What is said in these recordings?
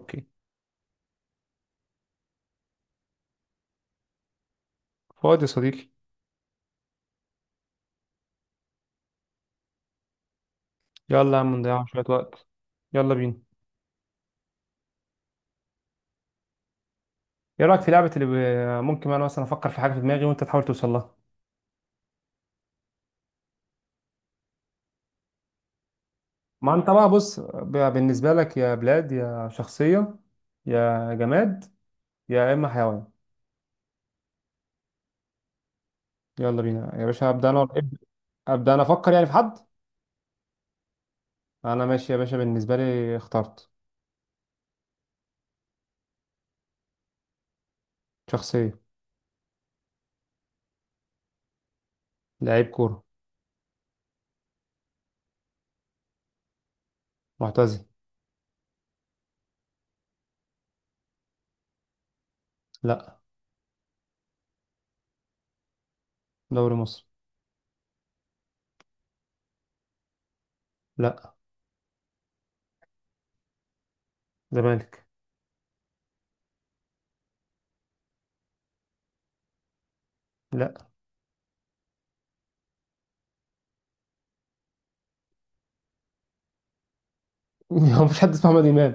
اوكي. فؤاد يا صديقي، يلا يا عم نضيع شوية وقت، يلا بينا. ايه رأيك في لعبة اللي ممكن انا مثلا افكر في حاجة في دماغي وانت تحاول توصل لها؟ ما انت بقى بص، بالنسبة لك يا بلاد، يا شخصية، يا جماد، يا اما حيوان. يلا بينا يا باشا، ابدا انا ابدا. أبدأ انا، افكر يعني في حد. انا ماشي يا باشا، بالنسبة لي اخترت شخصية. لعيب كورة، معتزل. لا. دوري مصر. لا. زمالك. لا. هو مفيش حد اسمه محمد امام؟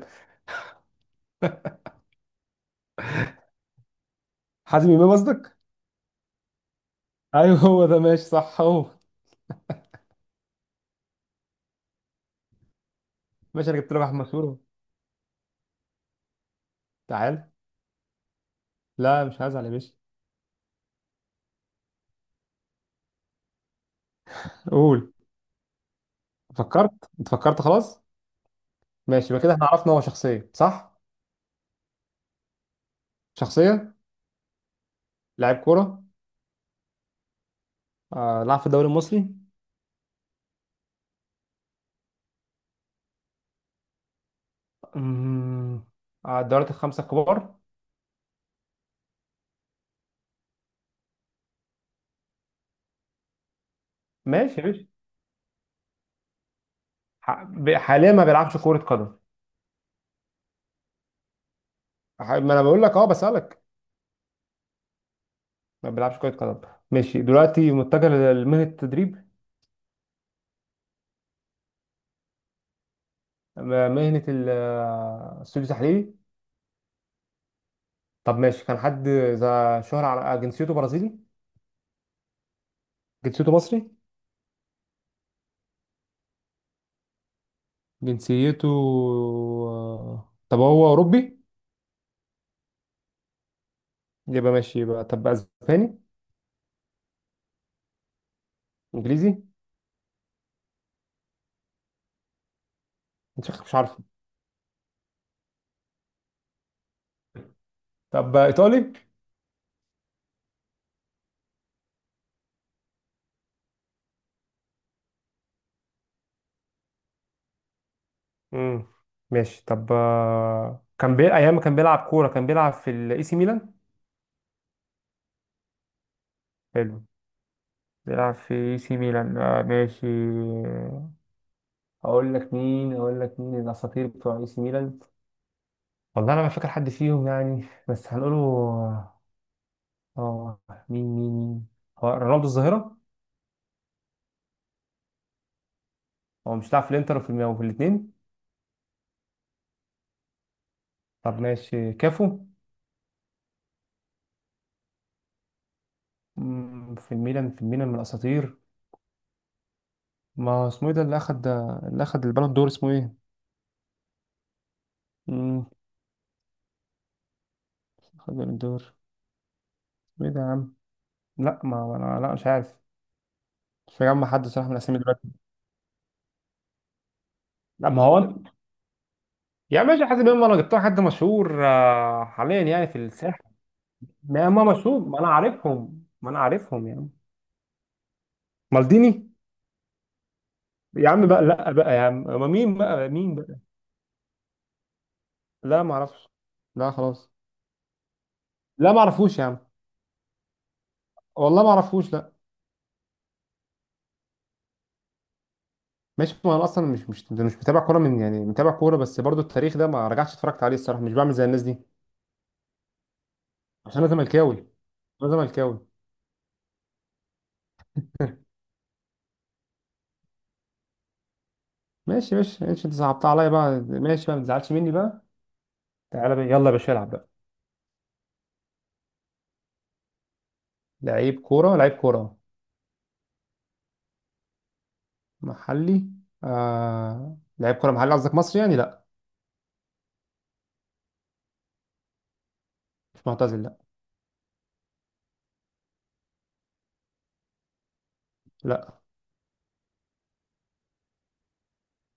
حازم امام قصدك. ايوه هو ده، ماشي صح هو. ماشي، انا جبت لك احمد مسؤول، تعال. لا مش هزعل يا باشا. قول. فكرت؟ انت فكرت خلاص؟ ماشي، يبقى كده احنا عرفنا. هو شخصيه صح؟ شخصيه. لاعب كوره. لعب في الدوري المصري؟ أمم، الدوريات الخمسه الكبار؟ ماشي يا باشا. حاليا ما بيلعبش كره قدم؟ ما انا بقول لك، بسالك. ما بيلعبش كره قدم ماشي. دلوقتي متجه لمهنه التدريب؟ مهنه السوق التحليلي؟ طب ماشي، كان حد ذا شهرة. على، جنسيته برازيلي؟ جنسيته مصري؟ جنسيته، طب هو أوروبي؟ يبقى ماشي، يبقى طب أسباني؟ إنجليزي؟ مش عارفه. طب إيطالي؟ امم ماشي. طب كان أيام ما كان بيلعب كورة كان بيلعب في الإي سي ميلان؟ حلو، بيلعب في إي سي ميلان، ماشي. أقول لك مين، الأساطير بتوع إي سي ميلان. والله أنا ما فاكر حد فيهم يعني، بس هنقوله. آه مين ؟ هو رونالدو الظاهرة. هو مش لاعب في الإنتر وفي الميلان وفي الاتنين؟ طب ماشي، كافو؟ في الميلان، من الاساطير. ما اسمه ايه ده اللي اخد، البالون دور، اسمه ايه. مم، اخد البالون دور، اسمه ايه ده يا عم. لا، ما ما انا، لا مش عارف. مش مجمع حد صراحه من الاسامي دلوقتي. لا. ما هو يا ماشي حاسس بيهم، انا جبتها حد مشهور، حاليا يعني في الساحه. ما ما مشهور، ما انا عارفهم، يا عم. مالديني. يا عم بقى لا بقى يا عم، ما مين بقى مين بقى. لا ما اعرفش. لا خلاص. لا ما اعرفوش يا عم. والله ما اعرفوش، لا. ماشي، ما انا اصلا مش متابع كوره، من يعني متابع كوره، بس برضو التاريخ ده ما رجعتش اتفرجت عليه الصراحه، مش بعمل زي الناس دي. عشان انا زملكاوي، انا زملكاوي. ماشي ماشي ماشي، انت صعبتها عليا بقى. ماشي بقى، ما تزعلش مني بقى. تعالى بقى، يلا يا باشا العب بقى. لعيب كوره، لعيب كوره محلي. لعيب كوره محلي قصدك مصري يعني؟ لا. مش معتزل. لا، لا،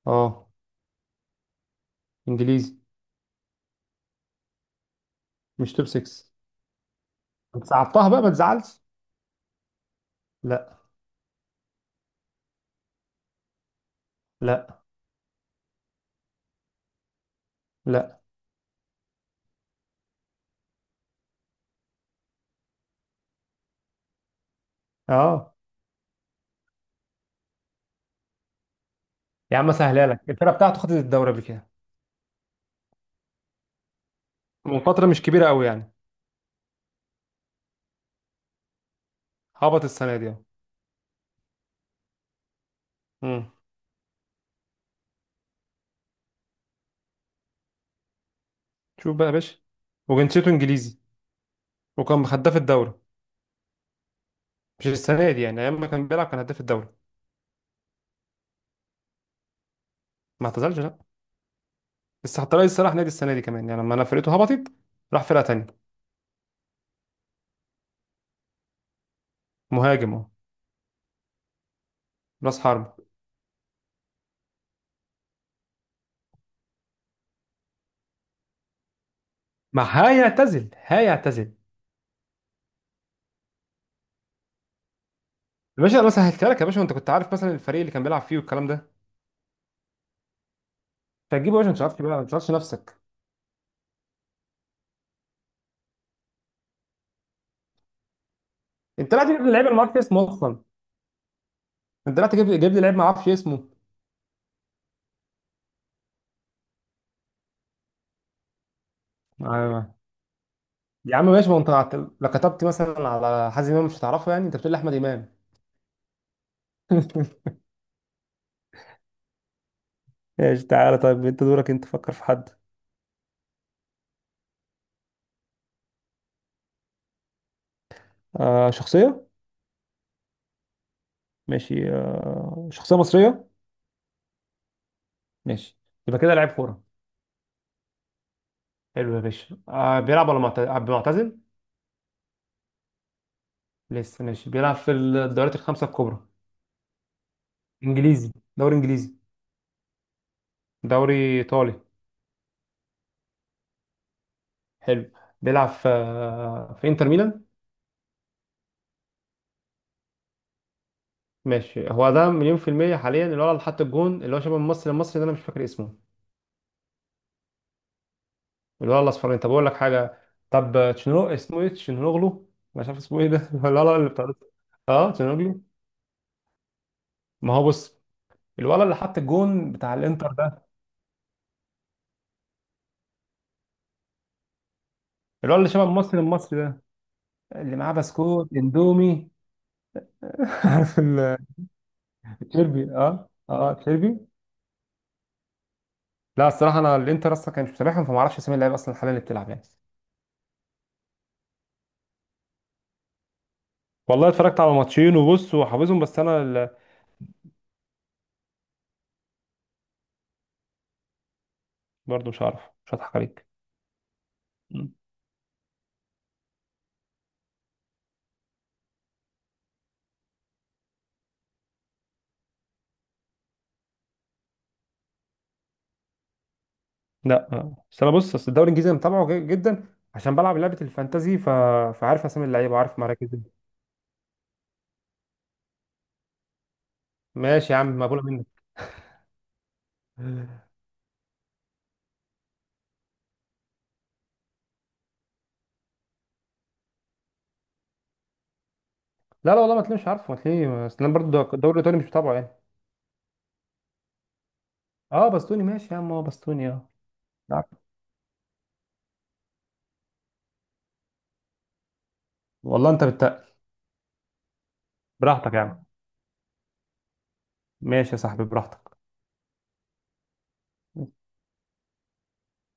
اه. انجليزي. مش توب 6. انت صعبتها بقى، ما تزعلش. لا، لا، لا، اه. يا عم سهلها لك، الفرقه بتاعته خدت الدوري قبل كده. من فتره مش كبيره قوي يعني. هبط السنه دي اهو. امم شوف بقى يا باشا. وجنسيته انجليزي، وكان هداف الدوري. مش السنه دي يعني، ايام ما كان بيلعب كان هداف الدوري. ما اعتزلش لا. بس حتى رئيس صلاح نادي السنه دي كمان يعني، لما انا فرقته هبطت راح فرقه تانيه. مهاجم اهو. راس حربه. ما هيعتزل، هيعتزل. يا باشا، انا سهلتها لك يا باشا، وانت كنت عارف مثلا الفريق اللي كان بيلعب فيه والكلام ده. مش هتجيبه يا باشا، انت عارف بقى ما تعرفش نفسك. انت لا تجيب لي لعيب انا ما اعرفش اسمه اصلا. انت لا تجيب جايب لي لعيب ما اعرفش اسمه. آه. يا عم ماشي، ما انت لو كتبت مثلا على حازم امام مش هتعرفه يعني، انت بتقول لي احمد امام. ماشي، تعالى طيب انت دورك، انت فكر في حد. شخصية. ماشي، شخصية مصرية؟ ماشي. يبقى كده لعيب كورة. حلو يا باشا. بيلعب ولا معتزل؟ لسه ماشي، بيلعب في الدوريات الخمسة الكبرى؟ انجليزي، دوري انجليزي؟ دوري ايطالي؟ حلو. بيلعب في انتر ميلان؟ ماشي، هو ده مليون في المية، حاليا اللي هو، اللي حط الجون، اللي هو شبه الممثل المصري ده انا مش فاكر اسمه. الولد الاصفراني. طب اقول لك حاجه. طب تشنو، اسمه ايه، تشنوغلو، مش عارف اسمه ايه ده. لا لا، اللي بتاع، اه تشنوغلو. ما هو بص، الولد اللي حط الجون بتاع الانتر ده، الولد اللي شبه المصري المصري ده، اللي معاه بسكوت اندومي. عارف التشيربي، اه اه التشيربي. لا الصراحه انا الانتر اصلا كان مش متابعهم، فما اعرفش اسامي اللعيبه اصلا حاليا اللي بتلعب يعني. والله اتفرجت على ماتشين وبص وحافظهم، بس انا برضه مش عارف، مش هضحك عليك. لا. بس انا بص، اصل الدوري الانجليزي انا متابعه جدا، عشان بلعب لعبه الفانتازي، فعارف اسامي اللعيبه وعارف مراكزهم. ماشي يا عم، مقبوله منك. لا لا، والله ما تلاقيش عارفه، ما تلاقيش، اصل انا برضه الدوري الايطالي مش متابعه يعني. اه بستوني ماشي يا عم، اه بستوني اه. لا، والله انت براحتك يا عم. ماشي يا صاحبي، براحتك.